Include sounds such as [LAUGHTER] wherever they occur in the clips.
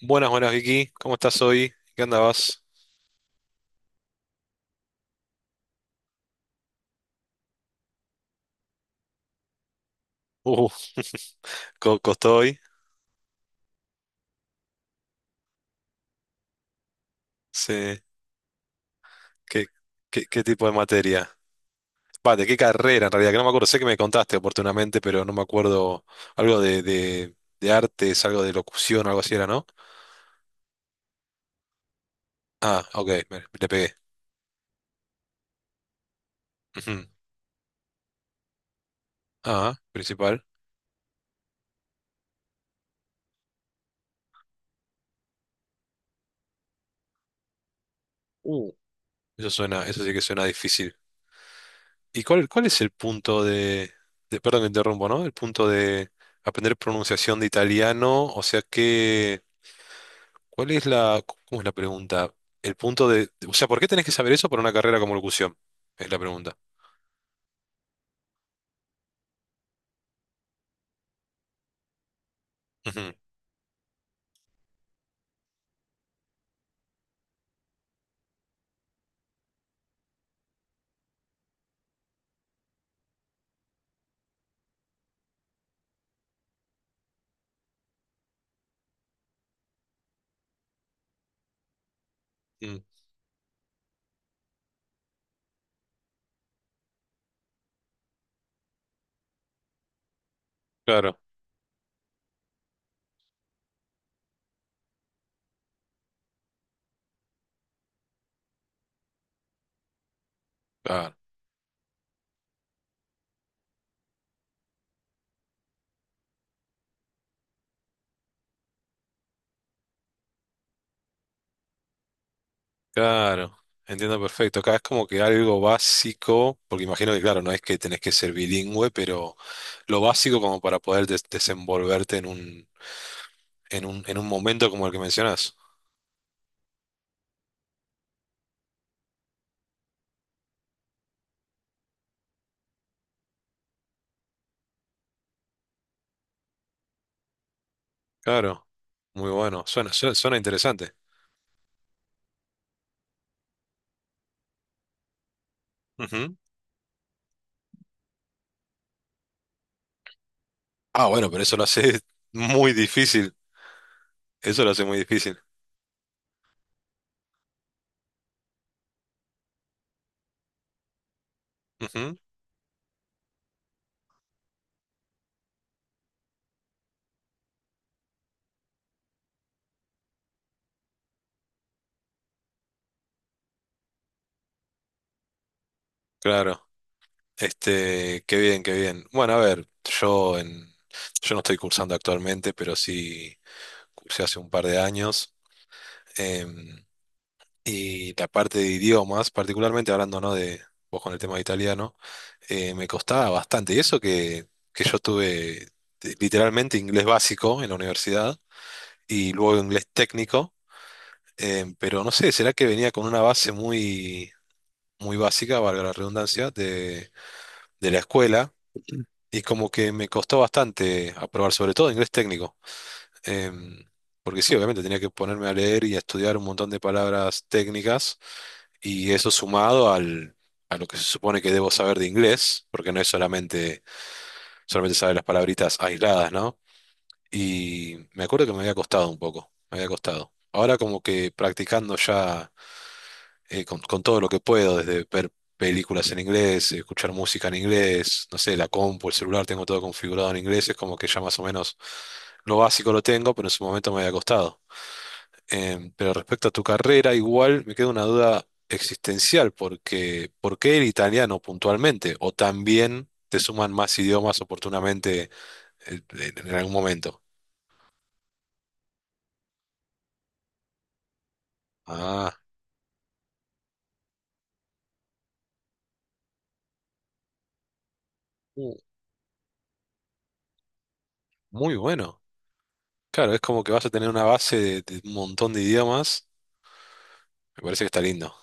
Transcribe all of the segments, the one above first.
Buenas, buenas Vicky, ¿cómo estás hoy? ¿Qué andabas? Uh, costó hoy. Sí. ¿Qué, qué tipo de materia? Va, ¿de qué carrera en realidad? Que no me acuerdo, sé que me contaste oportunamente, pero no me acuerdo algo de artes, algo de locución, algo así era, ¿no? Ah, ok, le pegué. Ujú. Ah, principal. Uh, Eso suena, eso sí que suena difícil. ¿Y cuál es el punto de, perdón que interrumpo, ¿no? El punto de aprender pronunciación de italiano, o sea que. ¿Cuál es la, Cómo es la pregunta? El punto de, o sea, ¿por qué tenés que saber eso para una carrera como locución? Es la pregunta. Ujú. Mm, claro, claro, claro. Entiendo perfecto. Acá es como que algo básico, porque imagino que, claro, no es que tenés que ser bilingüe, pero lo básico como para poder desenvolverte en un, momento como el que mencionás. Claro, muy bueno. Suena interesante. Ujú. Ah, bueno, pero eso lo hace [LAUGHS] muy difícil. Eso lo hace muy difícil. Ujú. Claro. Qué bien, qué bien. Bueno, a ver, yo no estoy cursando actualmente, pero sí cursé hace un par de años. em, y la parte de idiomas, particularmente hablando, ¿no? De vos con el tema de italiano, me costaba bastante. Y eso que yo tuve literalmente inglés básico en la universidad y luego inglés técnico. Pero no sé, ¿será que venía con una base muy, muy básica, valga la redundancia, de la escuela? Y como que me costó bastante aprobar, sobre todo inglés técnico. Em, Porque sí, obviamente tenía que ponerme a leer y a estudiar un montón de palabras técnicas, y eso sumado a lo que se supone que debo saber de inglés, porque no es solamente saber las palabritas aisladas, ¿no? Y me acuerdo que me había costado un poco, me había costado. Ahora como que practicando ya, con todo lo que puedo, desde ver películas en inglés, escuchar música en inglés, no sé, la compu, el celular, tengo todo configurado en inglés. Es como que ya más o menos lo básico lo tengo, pero en su momento me había costado. Pero respecto a tu carrera, igual me queda una duda existencial, porque ¿por qué el italiano puntualmente? ¿O también te suman más idiomas oportunamente, en algún momento? Ah, uh, muy bueno. Claro, es como que vas a tener una base de un montón de idiomas. Me parece que está lindo.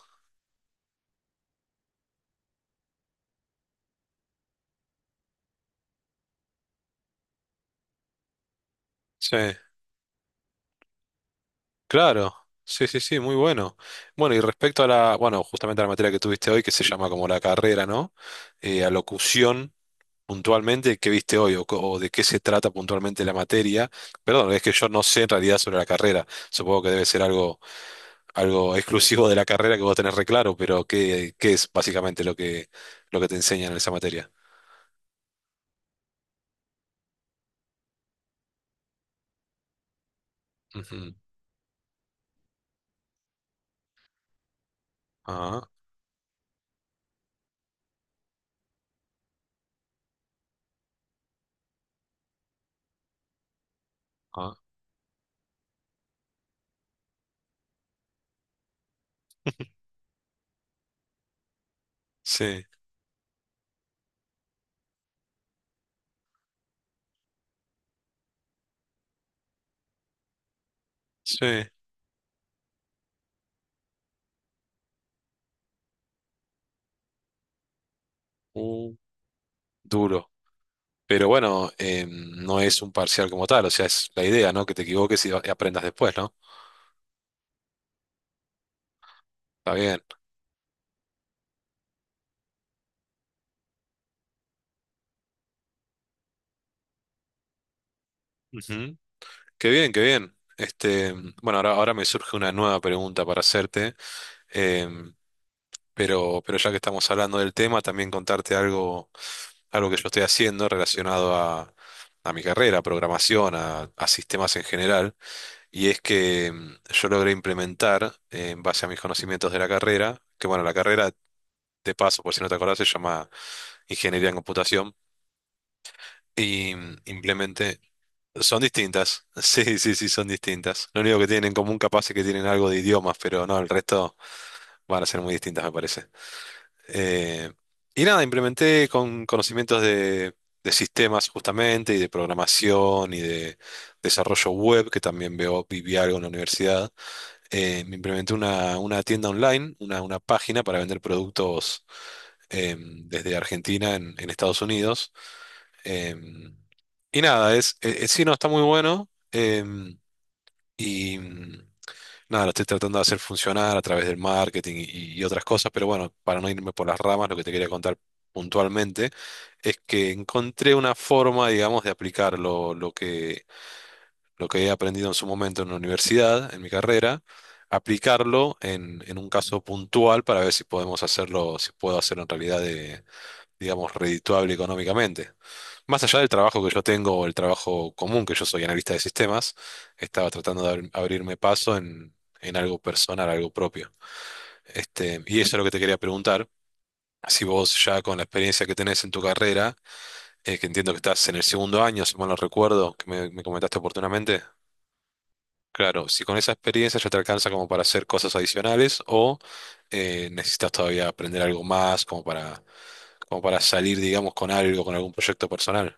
Sí, claro. Sí, sí, sí, muy bueno. Bueno, y respecto a bueno, justamente a la materia que tuviste hoy, que se llama como la carrera, ¿no? A locución, puntualmente, ¿qué viste hoy? O de qué se trata puntualmente la materia. Perdón, es que yo no sé en realidad sobre la carrera. Supongo que debe ser algo exclusivo de la carrera que vos tenés reclaro, pero ¿qué es básicamente lo que te enseñan en esa materia? Ujú. Ah, ah, sí, sí. Uh, Duro. Pero bueno, no es un parcial como tal, o sea, es la idea, ¿no? Que te equivoques y aprendas después, ¿no? Está bien. Ujú. Qué bien, qué bien. Bueno, ahora me surge una nueva pregunta para hacerte. em, pero ya que estamos hablando del tema, también contarte algo que yo estoy haciendo relacionado a mi carrera, a programación, a sistemas en general. Y es que yo logré implementar, en base a mis conocimientos de la carrera, que bueno, la carrera, de paso, por si no te acordás, se llama ingeniería en computación, y implementé... Son distintas, [LAUGHS] sí, sí, sí, son distintas. Lo único que tienen en común capaz es que tienen algo de idiomas, pero no, el resto van a ser muy distintas, me parece. Eh, y nada, implementé con conocimientos de sistemas justamente, y de programación, y de desarrollo web, que también viví algo en la universidad. Me implementé una tienda online, una página para vender productos, desde Argentina en Estados Unidos. Em, y nada, sí, no, está muy bueno. Y nada, lo estoy tratando de hacer funcionar a través del marketing y otras cosas, pero bueno, para no irme por las ramas, lo que te quería contar puntualmente es que encontré una forma, digamos, de aplicar lo que he aprendido en su momento en la universidad, en mi carrera, aplicarlo en un caso puntual para ver si podemos hacerlo, si puedo hacerlo en realidad, digamos, redituable económicamente. Más allá del trabajo que yo tengo o el trabajo común, que yo soy analista de sistemas, estaba tratando de abrirme paso en algo personal, algo propio. Y eso es lo que te quería preguntar. Si vos ya con la experiencia que tenés en tu carrera, que entiendo que estás en el segundo año, si mal no recuerdo, que me comentaste oportunamente. Claro, si con esa experiencia ya te alcanza como para hacer cosas adicionales o necesitas todavía aprender algo más como para salir, digamos, con algún proyecto personal.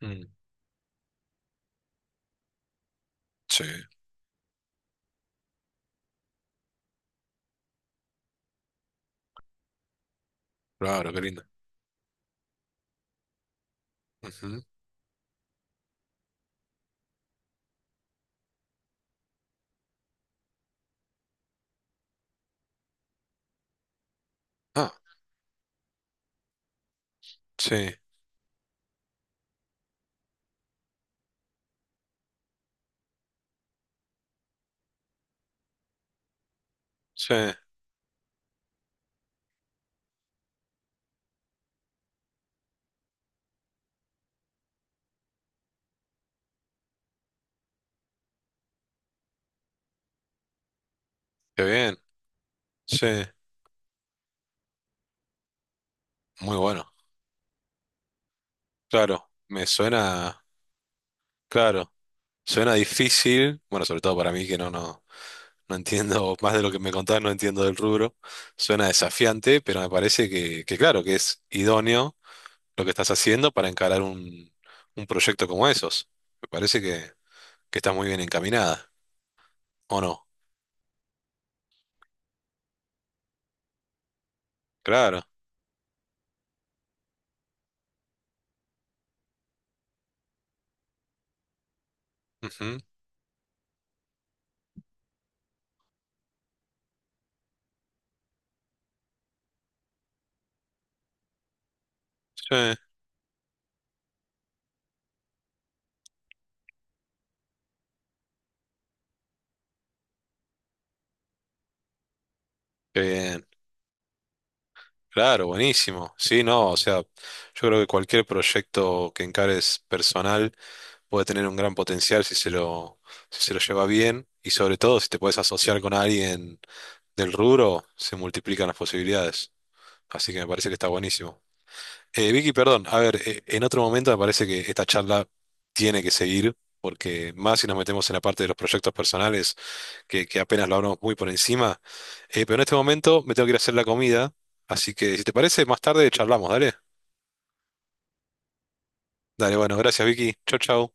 Mm, sí, claro, qué lindo. Ujú. Ah, sí, sí, qué bien, sí, muy bueno. Claro, me suena, claro, suena difícil, bueno, sobre todo para mí que no entiendo [LAUGHS] más de lo que me contás, no entiendo del rubro. Suena desafiante, pero me parece que, claro, que es idóneo lo que estás haciendo para encarar un proyecto como esos. Me parece que estás muy bien encaminada, ¿o no? Claro. Ujú. Sí, qué bien. Claro, buenísimo. Sí, no, o sea, yo creo que cualquier proyecto que encares personal puede tener un gran potencial si se lo lleva bien y sobre todo si te puedes asociar con alguien del rubro, se multiplican las posibilidades. Así que me parece que está buenísimo. Vicky, perdón, a ver, en otro momento me parece que esta charla tiene que seguir, porque más si nos metemos en la parte de los proyectos personales, que apenas lo hablamos muy por encima. Pero en este momento me tengo que ir a hacer la comida, así que si te parece, más tarde charlamos, dale. Dale, bueno, gracias Vicky, chau, chau.